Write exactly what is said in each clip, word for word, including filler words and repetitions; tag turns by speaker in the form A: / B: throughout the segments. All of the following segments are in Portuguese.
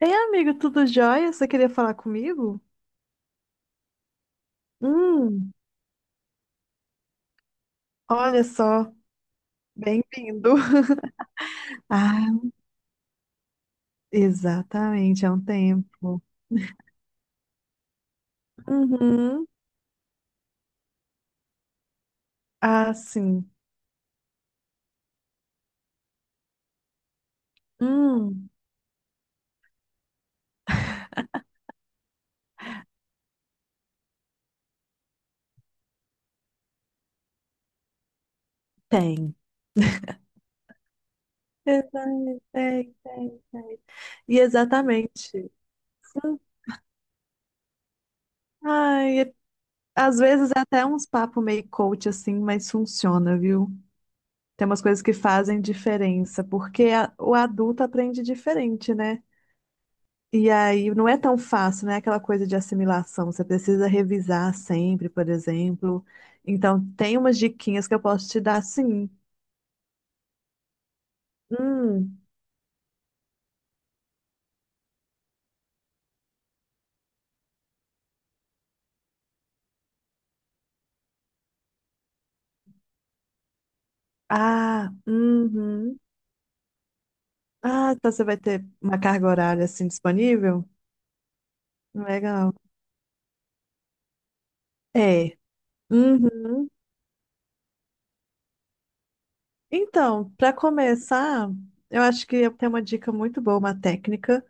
A: Ei, amigo, tudo jóia? Você queria falar comigo? Hum, olha só, bem-vindo. Ah, exatamente, é um tempo. Uhum. Ah, sim. Hum, tem. Exatamente, tem, tem, tem. E exatamente. Sim. Ai, e- às vezes é até uns papo meio coach assim, mas funciona, viu? Tem umas coisas que fazem diferença, porque a- o adulto aprende diferente, né? E aí não é tão fácil, né? Aquela coisa de assimilação. Você precisa revisar sempre, por exemplo. Então, tem umas diquinhas que eu posso te dar, sim. Hum, ah, uhum. Ah, então você vai ter uma carga horária assim disponível? Legal. É. Uhum. Então, para começar, eu acho que eu tenho uma dica muito boa, uma técnica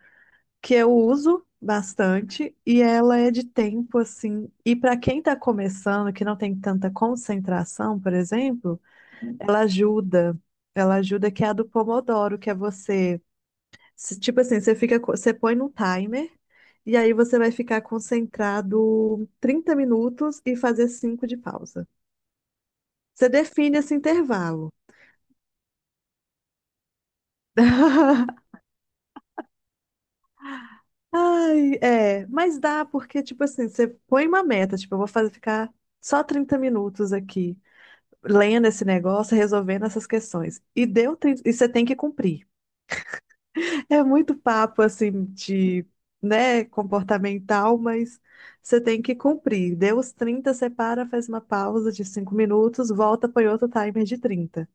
A: que eu uso bastante e ela é de tempo assim. E para quem está começando, que não tem tanta concentração, por exemplo, ela ajuda. Ela ajuda, que é a do Pomodoro, que é você, se- tipo assim, você fica, co- você põe num timer e aí você vai ficar concentrado trinta minutos e fazer cinco de pausa. Você define esse intervalo. Ai, é, mas dá porque, tipo assim, você põe uma meta, tipo, eu vou fazer ficar só trinta minutos aqui, lendo esse negócio, resolvendo essas questões. E deu, tri- e você tem que cumprir. É muito papo assim de, né, comportamental, mas você tem que cumprir. Deu os trinta, você para, faz uma pausa de cinco minutos, volta, põe outro timer de trinta.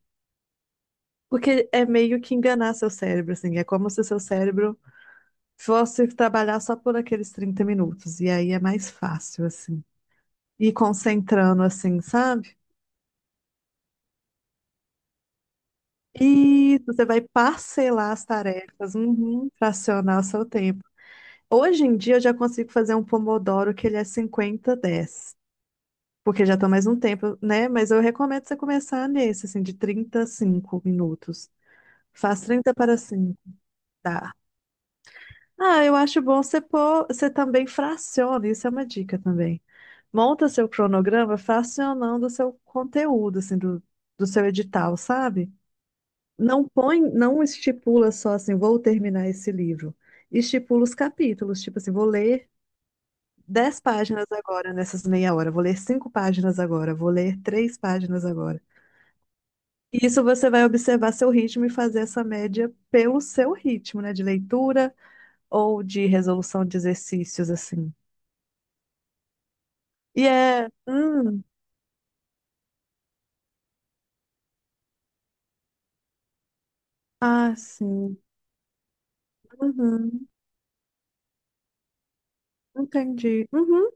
A: Porque é meio que enganar seu cérebro, assim, é como se seu cérebro fosse trabalhar só por aqueles trinta minutos, e aí é mais fácil, assim. E concentrando, assim, sabe? Isso, você vai parcelar as tarefas, uhum, fracionar o seu tempo. Hoje em dia eu já consigo fazer um Pomodoro que ele é cinquenta dez, porque já tô mais um tempo, né? Mas eu recomendo você começar nesse, assim, de trinta a cinco minutos. Faz trinta para cinco, tá? Ah, eu acho bom você pôr, você também fraciona, isso é uma dica também. Monta seu cronograma fracionando o seu conteúdo, assim, do, do seu edital, sabe? Não põe, não estipula só assim, vou terminar esse livro. Estipula os capítulos, tipo assim, vou ler dez páginas agora nessas meia hora, vou ler cinco páginas agora, vou ler três páginas agora. E isso você vai observar seu ritmo e fazer essa média pelo seu ritmo, né? De leitura ou de resolução de exercícios, assim. E é. Hum, ah, sim. Uhum, entendi. Uhum,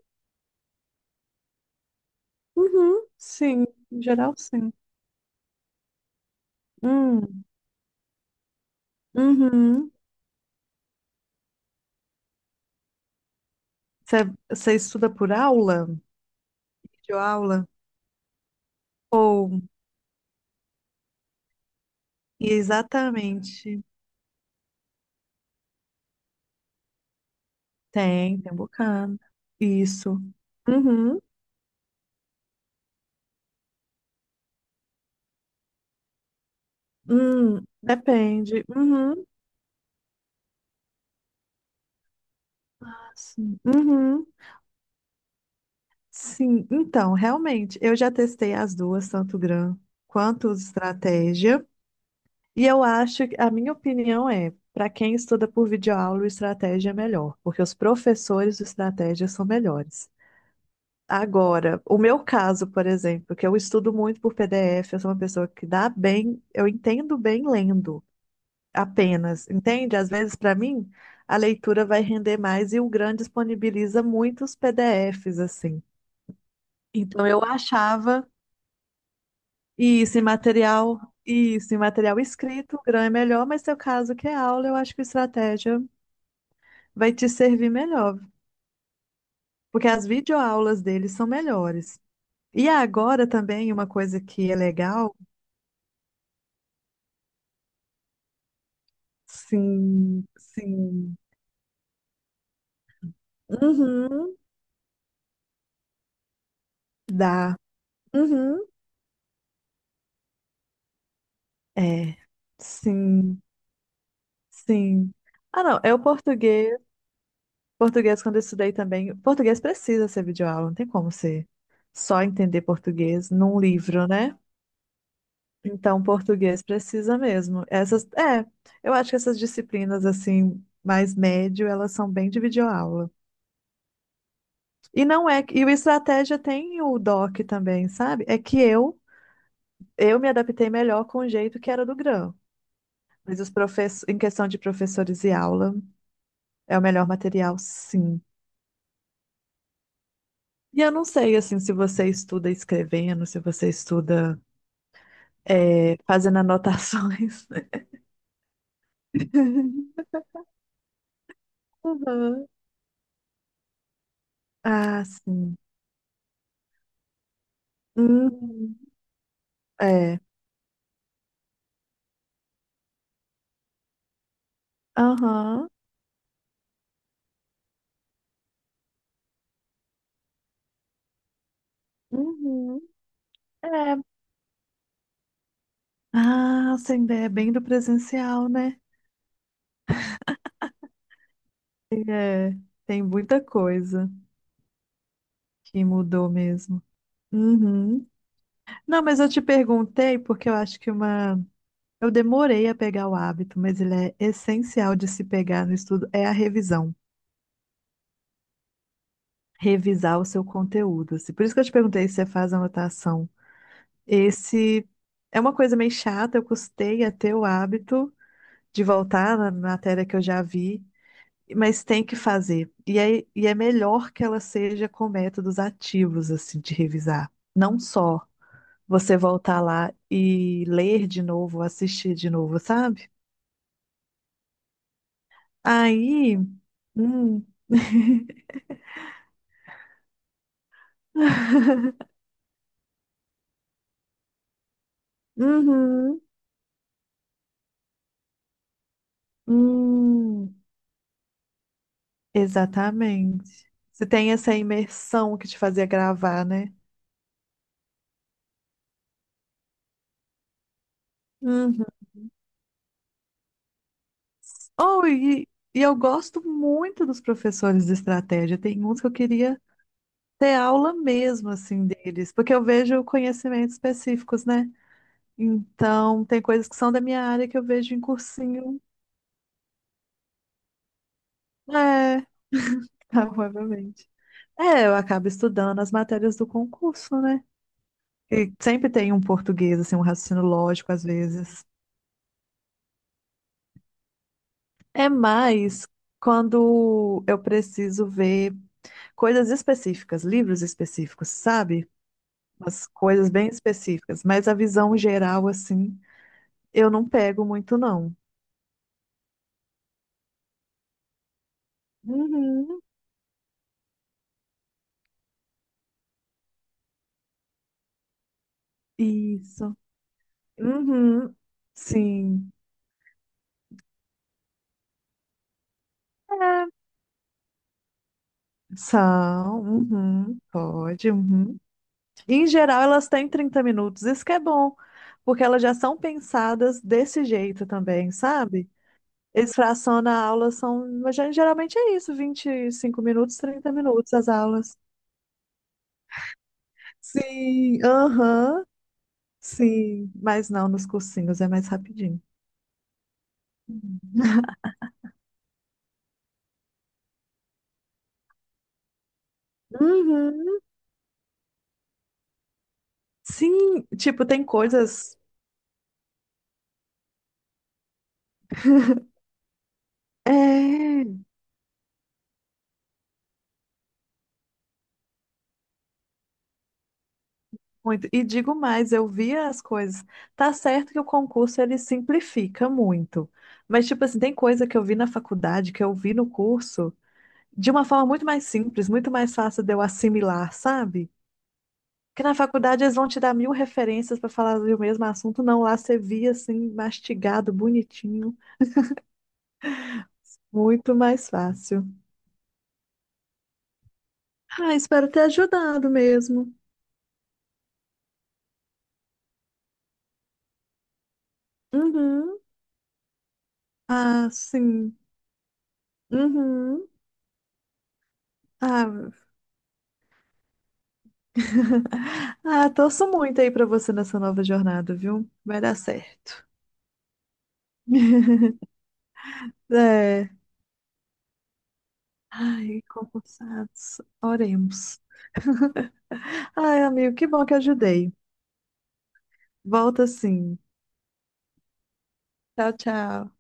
A: uhum, sim. Em geral, sim. Hum, uhum. Você, você estuda por aula? Videoaula? Ou, exatamente. Tem, tem um bocado. Isso. Uhum. Hum, depende. Uhum. Ah, sim. Uhum. Sim. Então, realmente, eu já testei as duas, tanto GRAM quanto estratégia. E eu acho que a minha opinião é, para quem estuda por videoaula, o estratégia é melhor, porque os professores de estratégia são melhores. Agora, o meu caso, por exemplo, que eu estudo muito por P D F, eu sou uma pessoa que dá bem, eu entendo bem lendo apenas, entende? Às vezes, para mim, a leitura vai render mais e o Gran disponibiliza muitos P D Fs, assim. Então, eu achava isso em material, isso em material escrito, o Gran é melhor, mas seu caso que é aula, eu acho que a estratégia vai te servir melhor, porque as videoaulas deles são melhores. E agora também, uma coisa que é legal. Sim, sim. Uhum, dá. Uhum, é. Sim, sim. Ah, não, é o português. Português, quando eu estudei também. Português precisa ser videoaula, não tem como ser só entender português num livro, né? Então, português precisa mesmo. Essas, é, eu acho que essas disciplinas, assim, mais médio, elas são bem de videoaula. E não é, e o estratégia tem o D O C também, sabe? É que eu Eu me adaptei melhor com o jeito que era do Gran. Mas os professores, em questão de professores e aula, é o melhor material, sim. E eu não sei, assim, se você estuda escrevendo, se você estuda é, fazendo anotações. Uhum. Ah, sim. Uhum. É. Aham. Uhum. É. Ah, sem ideia, é bem do presencial, né? É. Tem muita coisa que mudou mesmo. Uhum. Não, mas eu te perguntei porque eu acho que uma... eu demorei a pegar o hábito, mas ele é essencial de se pegar no estudo, é a revisão. Revisar o seu conteúdo, assim. Por isso que eu te perguntei se você faz anotação. Esse é uma coisa meio chata, eu custei a ter o hábito de voltar na matéria que eu já vi, mas tem que fazer. E é, e é melhor que ela seja com métodos ativos, assim, de revisar. Não só você voltar lá e ler de novo, assistir de novo, sabe? Aí. Hum. Uhum. Hum. Exatamente. Você tem essa imersão que te fazia gravar, né? Uhum. Oh, e, e eu gosto muito dos professores de estratégia. Tem uns que eu queria ter aula mesmo, assim, deles, porque eu vejo conhecimentos específicos, né? Então, tem coisas que são da minha área que eu vejo em cursinho. É, provavelmente. É, eu acabo estudando as matérias do concurso, né? E sempre tem um português, assim, um raciocínio lógico às vezes. É mais quando eu preciso ver coisas específicas, livros específicos, sabe? Umas coisas bem específicas, mas a visão geral, assim, eu não pego muito, não. Uhum. Isso. Uhum. Sim. É. São, uhum, pode, uhum. E, Em geral, elas têm trinta minutos, isso que é bom, porque elas já são pensadas desse jeito também, sabe? Eles fracionam a aula, são, mas gen- geralmente é isso, vinte, e cinco minutos, trinta minutos as aulas. Sim, aham, sim, mas não, nos cursinhos é mais rapidinho. Uhum. Sim, tipo, tem coisas. É, muito. E digo mais, eu via as coisas. Tá certo que o concurso ele simplifica muito. Mas, tipo assim, tem coisa que eu vi na faculdade, que eu vi no curso, de uma forma muito mais simples, muito mais fácil de eu assimilar, sabe? Porque na faculdade eles vão te dar mil referências para falar do mesmo assunto. Não, lá você via assim, mastigado, bonitinho. Muito mais fácil. Ah, espero ter ajudado mesmo. Uhum. Ah, sim. Uhum. Ah, ah, torço muito aí para você nessa nova jornada, viu? Vai dar certo. É. Ai, concursados. Oremos. Ai, amigo, que bom que ajudei. Volta sim. Tchau, tchau.